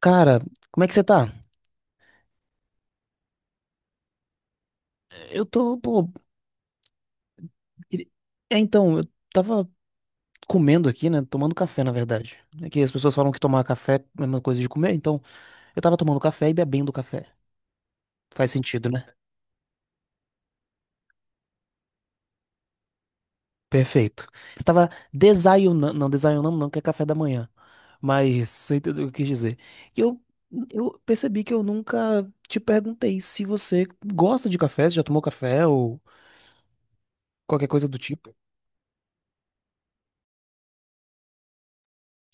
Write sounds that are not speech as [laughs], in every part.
Cara, como é que você tá? Eu tô, pô. queria- eu tava comendo aqui, né? Tomando café, na verdade. É que as pessoas falam que tomar café é a mesma coisa de comer, então eu tava tomando café e bebendo café. Faz sentido, né? Perfeito. Estava desayunando não, que é café da manhã. Mas você entendeu o que eu quis dizer. E eu, eu percebi que eu nunca te perguntei se você gosta de café, se já tomou café ou qualquer coisa do tipo.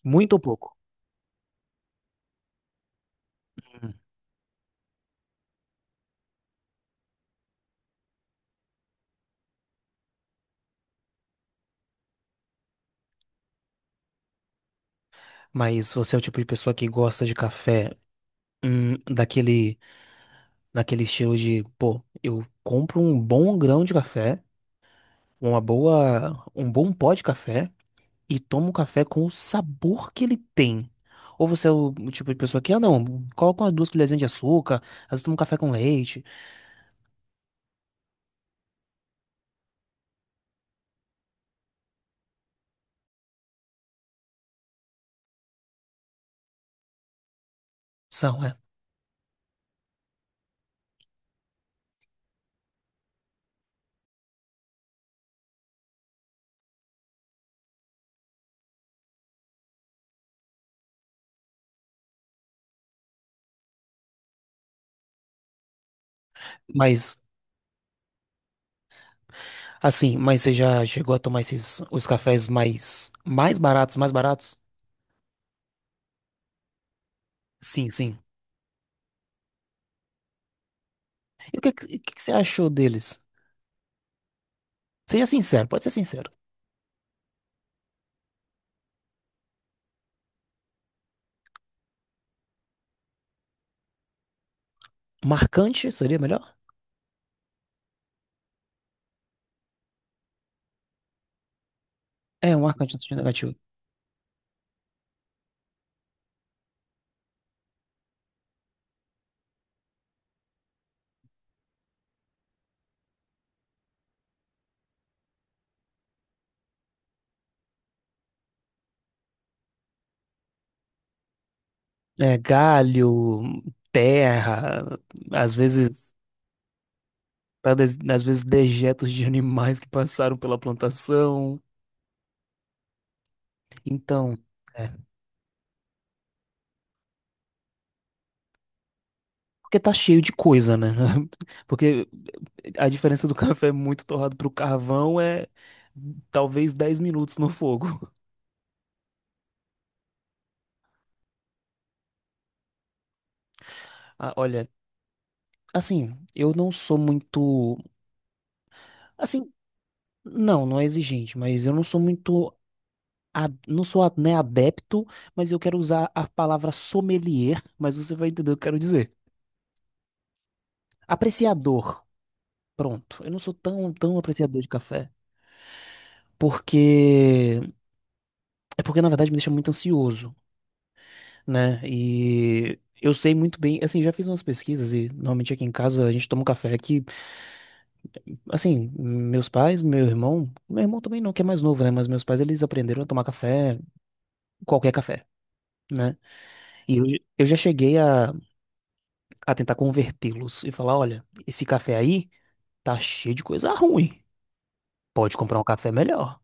Muito ou pouco. Hum. Mas você é o tipo de pessoa que gosta de café. Hum, daquele, daquele estilo de, pô, eu compro um bom grão de café, um bom pó de café e tomo o café com o sabor que ele tem. Ou você é o tipo de pessoa que, ah, não, coloca umas duas colherzinhas de açúcar, às vezes toma um café com leite, são, é. Mas, assim, mas você já chegou a tomar esses, os cafés mais baratos, mais baratos? Sim, sim. E o que você achou deles? Seja sincero, pode ser sincero. Marcante seria melhor? É, um marcante no sentido negativo. É, galho, terra, às vezes, às vezes dejetos de animais que passaram pela plantação. Então, é, porque tá cheio de coisa, né? [laughs] Porque a diferença do [laughs] café muito torrado pro carvão é talvez 10 minutos no fogo. [laughs] Ah, olha, assim, eu não sou muito, assim, não, não é exigente, mas eu não sou muito não sou, né, adepto, mas eu quero usar a palavra sommelier, mas você vai entender o que eu quero dizer. Apreciador. Pronto. Eu não sou tão apreciador de café, porque é porque na verdade me deixa muito ansioso, né? E eu sei muito bem, assim, já fiz umas pesquisas e normalmente aqui em casa a gente toma um café que, assim, meus pais, meu irmão também não, que é mais novo, né? Mas meus pais eles aprenderam a tomar café, qualquer café, né? E eu já cheguei a tentar convertê-los e falar, olha, esse café aí tá cheio de coisa ruim. Pode comprar um café melhor.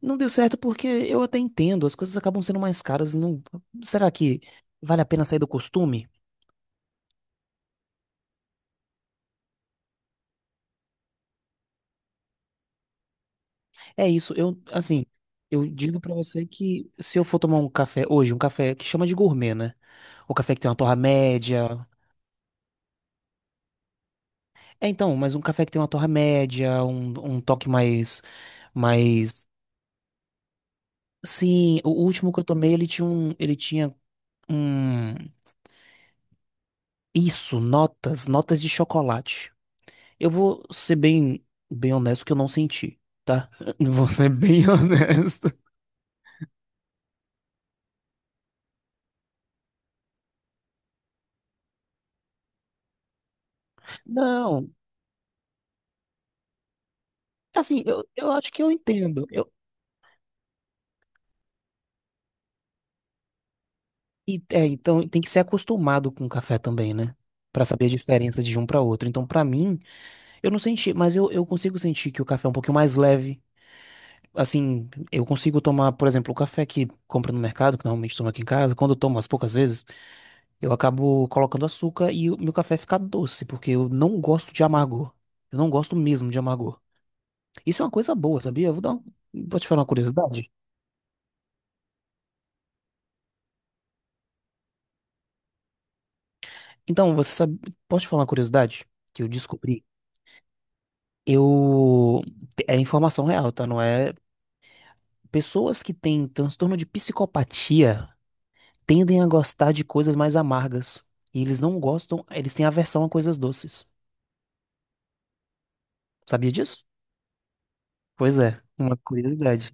Não deu certo porque eu até entendo, as coisas acabam sendo mais caras. Não... Será que vale a pena sair do costume? É isso, eu, assim, eu digo pra você que se eu for tomar um café hoje, um café que chama de gourmet, né? O café que tem uma torra média. É, então, mas um café que tem uma torra média, um toque mais, mais... Sim, o último que eu tomei, ele tinha um. Isso, notas, notas de chocolate. Eu vou ser bem honesto que eu não senti, tá? [laughs] Vou ser bem [laughs] honesto. Não, assim, eu acho que eu entendo. Eu, e, é, então tem que ser acostumado com o café também, né? Pra saber a diferença de um pra outro. Então, pra mim, eu não senti, mas eu consigo sentir que o café é um pouquinho mais leve. Assim, eu consigo tomar, por exemplo, o café que compra no mercado, que normalmente tomo aqui em casa, quando eu tomo as poucas vezes. Eu acabo colocando açúcar e o meu café fica doce, porque eu não gosto de amargor. Eu não gosto mesmo de amargor. Isso é uma coisa boa, sabia? Eu vou dar um... Vou te falar uma curiosidade. Então, você sabe... Posso te falar uma curiosidade que eu descobri? Eu... É informação real, tá? Não é... Pessoas que têm transtorno de psicopatia tendem a gostar de coisas mais amargas. E eles não gostam... Eles têm aversão a coisas doces. Sabia disso? Pois é, uma curiosidade.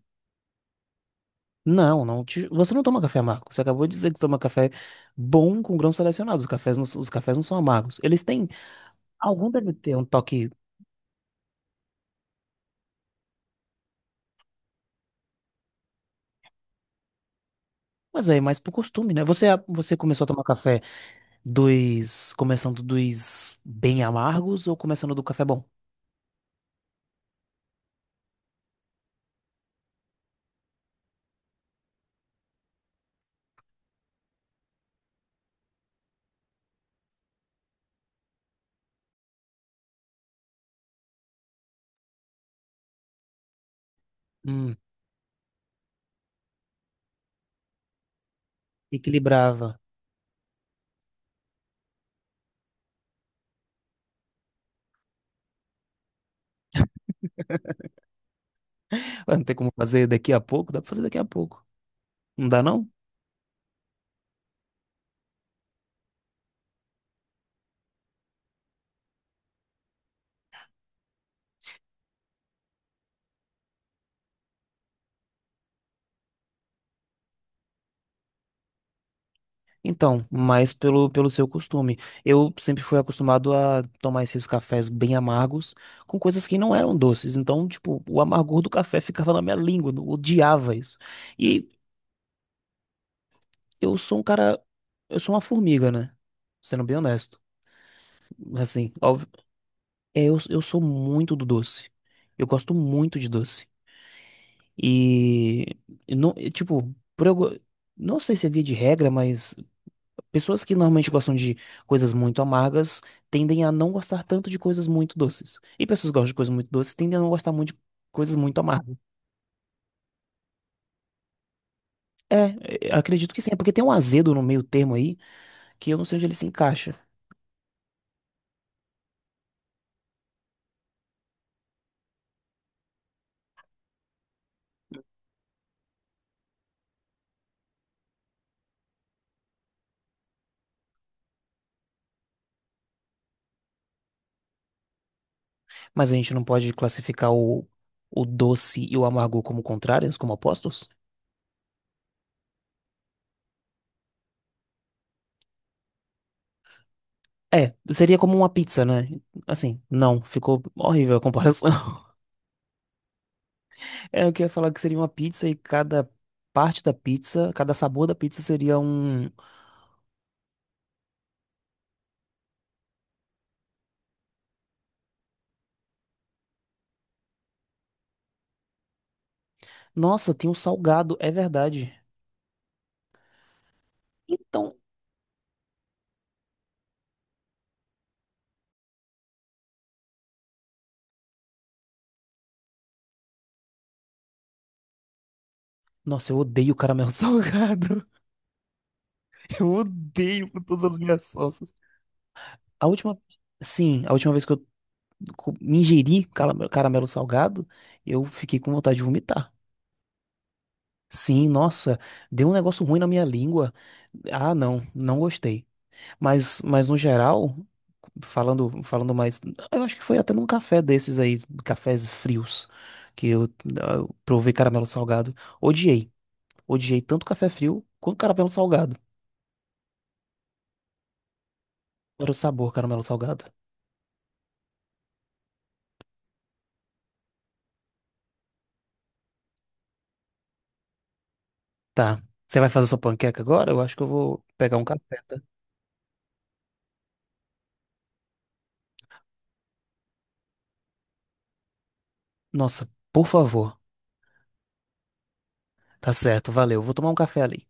Não, não te- você não toma café amargo. Você acabou de dizer que toma café bom com grãos selecionados. Os cafés não são amargos. Eles têm. Algum deve ter um toque. Mas é mais por costume, né? Você começou a tomar café dos. Começando dos bem amargos ou começando do café bom? Hum, equilibrava. [laughs] Vai, Não ter como fazer daqui a pouco? Dá pra fazer daqui a pouco. Não dá, não? Então, mais pelo, pelo seu costume. Eu sempre fui acostumado a tomar esses cafés bem amargos com coisas que não eram doces. Então, tipo, o amargor do café [laughs] ficava na minha língua, eu odiava isso. E eu sou um cara, eu sou uma formiga, né? Sendo bem honesto. Assim, óbvio, é, eu sou muito do doce. Eu gosto muito de doce. E, e não, e, tipo, não sei se é via de regra, mas pessoas que normalmente gostam de coisas muito amargas tendem a não gostar tanto de coisas muito doces. E pessoas que gostam de coisas muito doces tendem a não gostar muito de coisas muito amargas. É, é, acredito que sim, é porque tem um azedo no meio termo aí que eu não sei onde ele se encaixa. Mas a gente não pode classificar o doce e o amargo como contrários, como opostos? É, seria como uma pizza, né? Assim, não, ficou horrível a comparação. [laughs] É, eu queria falar que seria uma pizza e cada parte da pizza, cada sabor da pizza seria um. Nossa, tem um salgado, é verdade. Então, nossa, eu odeio caramelo [laughs] salgado. Eu odeio com todas as minhas forças. A última, sim, a última vez que eu me ingeri caramelo, caramelo salgado, eu fiquei com vontade de vomitar. Sim, nossa, deu um negócio ruim na minha língua. Ah, não, não gostei. Mas no geral, falando mais, eu acho que foi até num café desses aí, cafés frios, que eu, eu provei caramelo salgado. Odiei. Odiei tanto café frio quanto caramelo salgado. Era o sabor caramelo salgado. Tá. Você vai fazer sua panqueca agora? Eu acho que eu vou pegar um café, tá? Nossa, por favor. Tá certo, valeu. Vou tomar um café ali.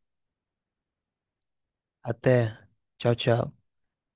Até. Tchau, tchau.